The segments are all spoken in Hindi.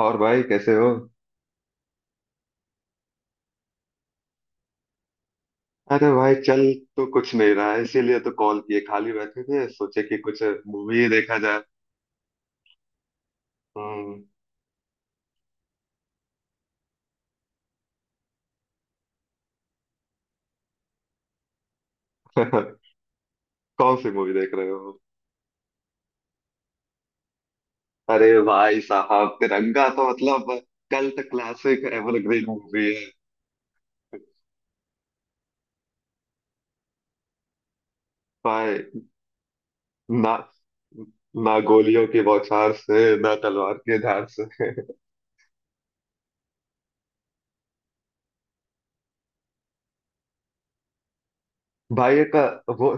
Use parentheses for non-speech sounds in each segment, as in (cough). और भाई कैसे हो? अरे भाई चल। तो कुछ नहीं रहा है, इसीलिए तो कॉल किए, खाली बैठे थे, सोचे कि कुछ मूवी देखा जाए। हम्म। (laughs) कौन सी मूवी देख रहे हो? अरे भाई साहब, तिरंगा तो मतलब कल्ट क्लासिक एवरग्रीन मूवी है। भाई, ना ना गोलियों की बौछार से, ना तलवार के धार से। भाई, वो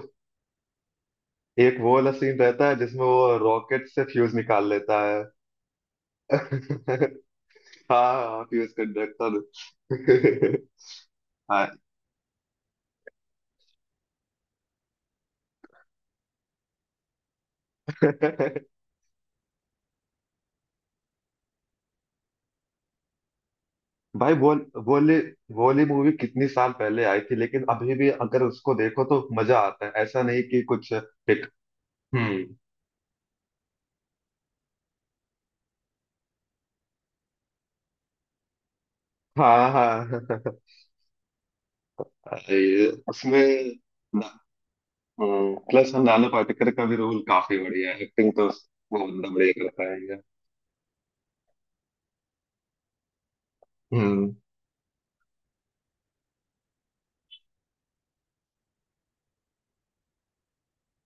एक वो वाला सीन रहता है जिसमें वो रॉकेट से फ्यूज निकाल लेता है। (laughs) हाँ, फ्यूज कंडक्टर। (laughs) हाँ। (laughs) भाई, वो बोली, बोली मूवी कितनी साल पहले आई थी, लेकिन अभी भी अगर उसको देखो तो मजा आता है, ऐसा नहीं कि कुछ हिट। हम्म। हाँ, हाँ। (laughs) ये उसमें प्लस नाना पाटेकर का भी रोल काफी बढ़िया है। एक्टिंग तो वो बंदा बढ़िया करता है यार। हम्म।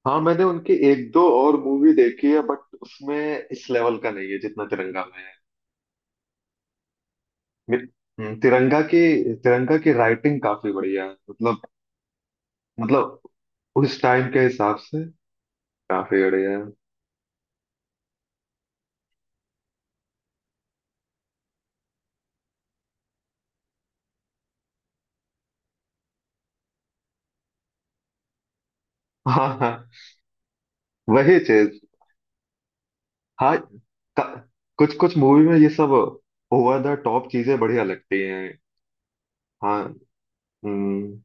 हाँ, मैंने उनकी एक दो और मूवी देखी है बट उसमें इस लेवल का नहीं है जितना तिरंगा में है। मेरे- हम्म। तिरंगा की राइटिंग काफी बढ़िया है, मतलब उस टाइम के हिसाब से काफी बढ़िया है। हाँ, हाँ। वही चीज। हाँ, कुछ कुछ मूवी में ये सब ओवर द टॉप चीजें बढ़िया लगती हैं। हाँ। हम्म,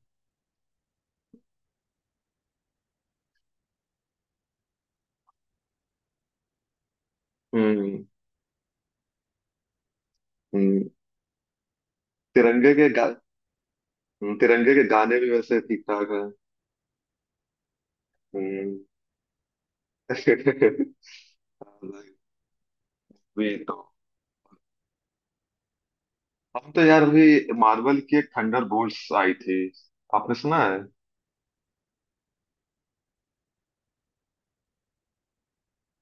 हम्म, हम्म। तिरंगे के गा हम्म। तिरंगे के गाने भी वैसे ठीक ठाक हैं। हम्म। (laughs) वे तो हम तो यार अभी मार्वल की एक थंडरबोल्ट्स आई थी। आपने सुना है?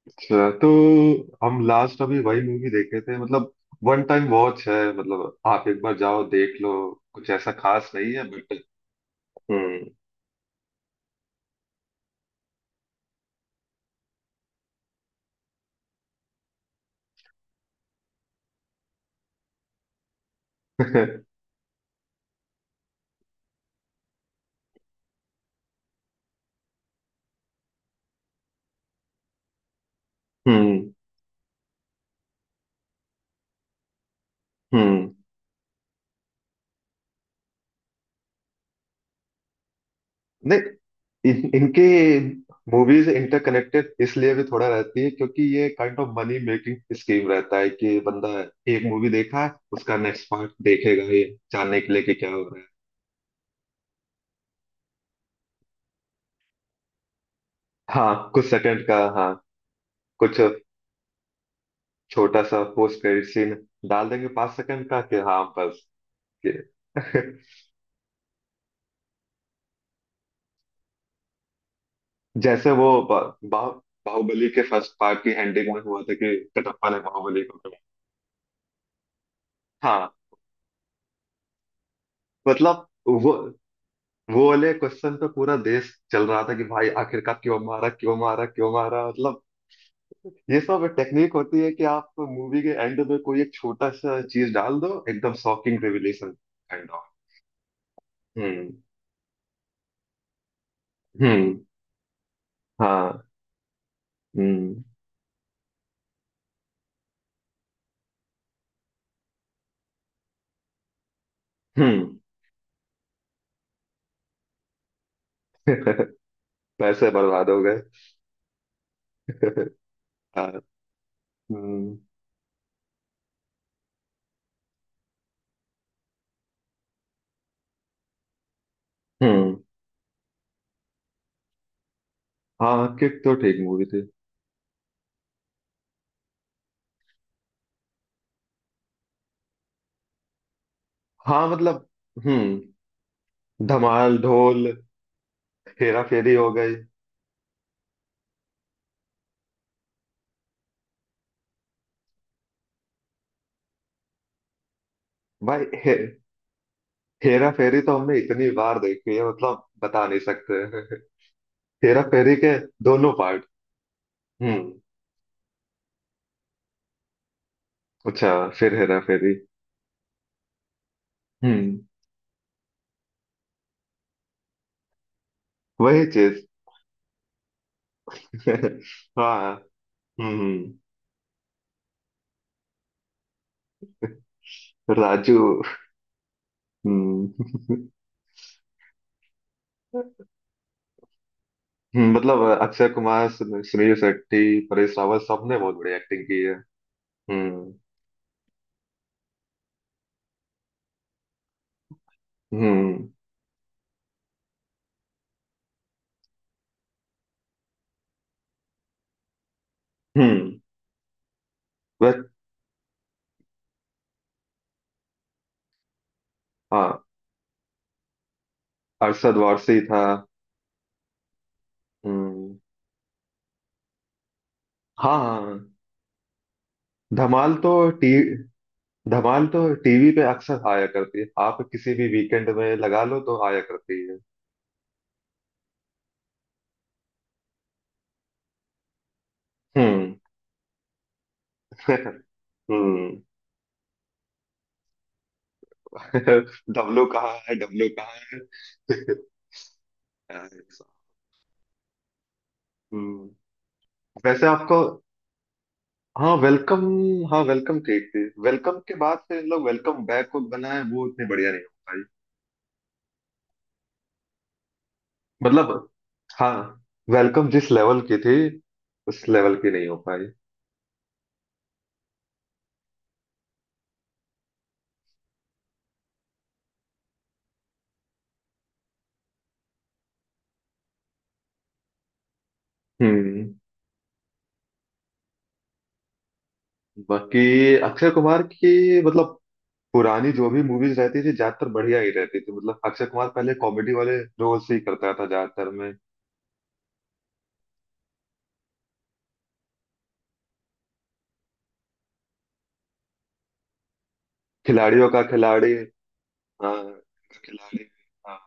अच्छा। तो हम लास्ट अभी वही मूवी देखे थे, मतलब वन टाइम वॉच है, मतलब आप एक बार जाओ देख लो। कुछ ऐसा खास नहीं है बट। हम्म। (laughs) हम्म, हम्म। नहीं, इनके मूवीज इंटरकनेक्टेड इसलिए भी थोड़ा रहती है, क्योंकि ये kind of money making scheme रहता है कि बंदा एक मूवी देखा है, उसका नेक्स्ट पार्ट देखेगा ये जानने के लिए कि क्या हो रहा है। हाँ, कुछ सेकंड का, हाँ। कुछ छोटा सा पोस्ट क्रेडिट सीन डाल देंगे 5 सेकंड का, कि हाँ बस। कि- (laughs) जैसे वो बा, बा, बाहुबली के फर्स्ट पार्ट की एंडिंग में हुआ था कि कटप्पा ने बाहुबली को कहा। हाँ, मतलब वो वाले क्वेश्चन पे पूरा देश चल रहा था कि भाई आखिरकार क्यों मारा, क्यों मारा, क्यों मारा, मतलब। ये सब टेक्निक होती है कि आप मूवी के एंड में कोई एक छोटा सा चीज डाल दो, एकदम शॉकिंग रिविलेशन काइंड ऑफ। हम्म, हम्म। हाँ। हम्म, हम्म। (laughs) पैसे बर्बाद हो गए। (laughs) हाँ। हम्म, हम्म। हाँ, किक तो ठीक मूवी थी। हाँ, मतलब। हम्म। धमाल, ढोल, हेरा फेरी हो गई। भाई, हेरा फेरी तो हमने इतनी बार देखी है, मतलब बता नहीं सकते। (laughs) हेरा फेरी के दोनों पार्ट। हम्म। अच्छा। फिर हेरा फेरी। हम्म। वही चीज। (laughs) हाँ। हम्म। राजू। हम्म। (laughs) हम्म। मतलब अक्षय कुमार, सुनील शेट्टी, परेश रावल सबने बहुत बढ़िया एक्टिंग की है। हम्म, हम्म, हम्म। बस। हाँ, अरशद वारसी था। हम्म। हाँ, हाँ, हाँ। धमाल तो टी धमाल तो टीवी पे अक्सर आया करती है, आप किसी भी वीकेंड में लगा लो तो आया करती है। हम्म। (laughs) हम्म। (laughs) डब्लू कहाँ है? डब्लू कहाँ है? (laughs) हम्म। वैसे, आपको। हाँ वेलकम हाँ, वेलकम कही थी। वेलकम के बाद फिर इन लोग वेलकम बैक को बनाए, वो उतने बढ़िया नहीं हो पाई, मतलब। हाँ, वेलकम जिस लेवल की थी उस लेवल की नहीं हो पाई। हम्म। बाकी अक्षय कुमार की, मतलब पुरानी जो भी मूवीज रहती थी, ज्यादातर बढ़िया ही रहती थी, मतलब अक्षय कुमार पहले कॉमेडी वाले रोल्स ही करता था ज्यादातर में। खिलाड़ियों का खिलाड़ी। हाँ, खिलाड़ी। हाँ,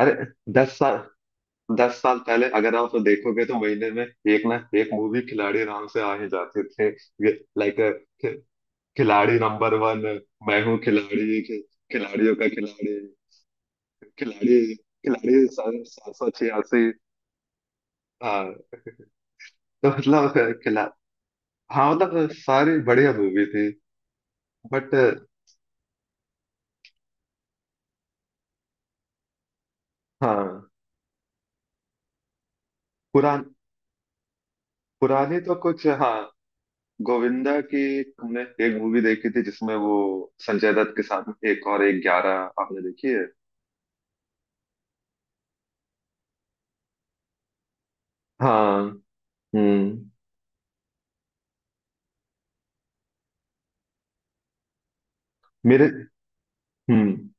अरे, दस साल दस साल पहले अगर आप तो देखोगे तो महीने में एक ना एक मूवी खिलाड़ी राम से आ ही जाते थे। लाइक खिलाड़ी नंबर वन, मैं हूँ खिलाड़ी, खिलाड़ियों का खिलाड़ी, खिलाड़ी खिलाड़ी 786। हाँ, तो मतलब अ, खिला हाँ, मतलब सारी बढ़िया मूवी थी। बट हाँ, पुरान पुरानी तो कुछ। हाँ, गोविंदा की हमने एक मूवी देखी थी जिसमें वो संजय दत्त के साथ में, एक और एक ग्यारह। आपने देखी है? हाँ। हम्म। मेरे हम्म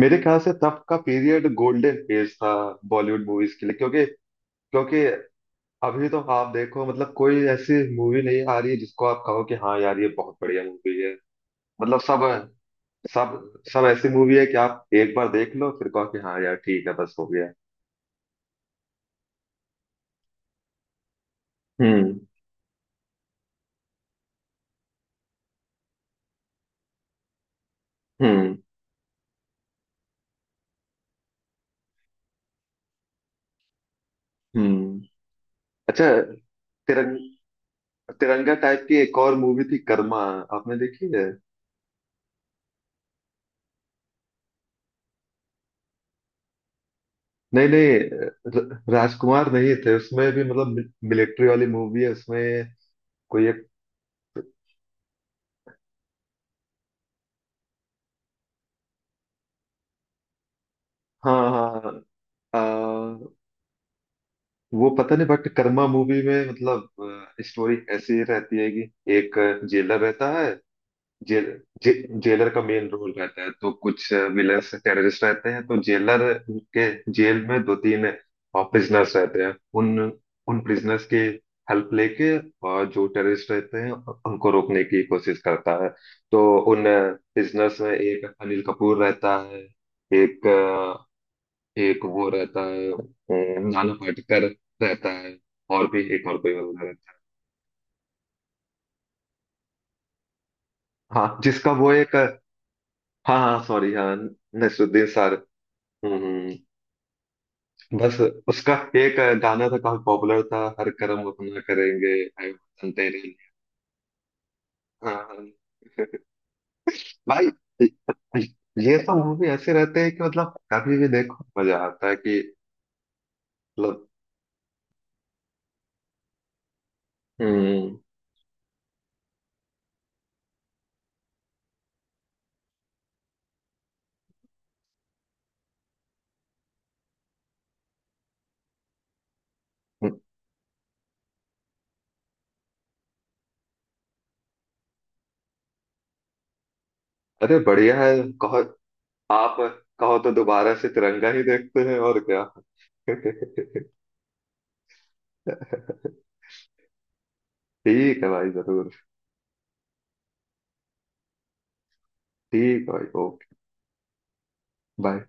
मेरे ख्याल से तब का पीरियड गोल्डन फेज था बॉलीवुड मूवीज के लिए, क्योंकि क्योंकि अभी तो आप देखो, मतलब कोई ऐसी मूवी नहीं आ रही है जिसको आप कहो कि हाँ यार ये बहुत बढ़िया मूवी है। मतलब सब सब सब ऐसी मूवी है कि आप एक बार देख लो फिर कहो कि हाँ यार ठीक है, बस हो गया। हम्म, हम्म, हम्म। अच्छा, तिरंग तिरंगा टाइप की एक और मूवी थी, कर्मा। आपने देखी है? नहीं, नहीं, राजकुमार नहीं थे उसमें भी, मतलब मिलिट्री वाली मूवी है उसमें, कोई एक। हाँ, हाँ, हाँ, आ, वो पता नहीं। बट कर्मा मूवी में, मतलब स्टोरी ऐसी रहती है कि एक जेलर रहता है। जेल जे, जेलर का मेन रोल रहता है, तो कुछ विलन्स टेररिस्ट रहते हैं, तो जेलर के जेल में दो तीन प्रिजनर्स रहते हैं। उन उन प्रिजनर्स की हेल्प लेके और जो टेररिस्ट रहते हैं उनको रोकने की कोशिश करता है। तो उन प्रिजनर्स में एक अनिल कपूर रहता है, एक अ, एक वो रहता है नाना पाटेकर रहता है, और भी एक और कोई बंदा रहता है। हाँ, जिसका वो एक। हाँ, हाँ, सॉरी। हाँ, नसरुद्दीन सर। हम्म। बस, उसका एक गाना था काफी पॉपुलर था, हर कर्म अपना करेंगे, आए वतन तेरे लिए। हाँ, हाँ। भाई, ये सब मूवी ऐसे रहते हैं कि मतलब कभी भी देखो मजा आता है, कि मतलब। हम्म। अरे बढ़िया है, कहो। आप कहो तो दोबारा से तिरंगा ही देखते हैं, और क्या। (laughs) ठीक है भाई, जरूर। ठीक है भाई, ओके। बाय।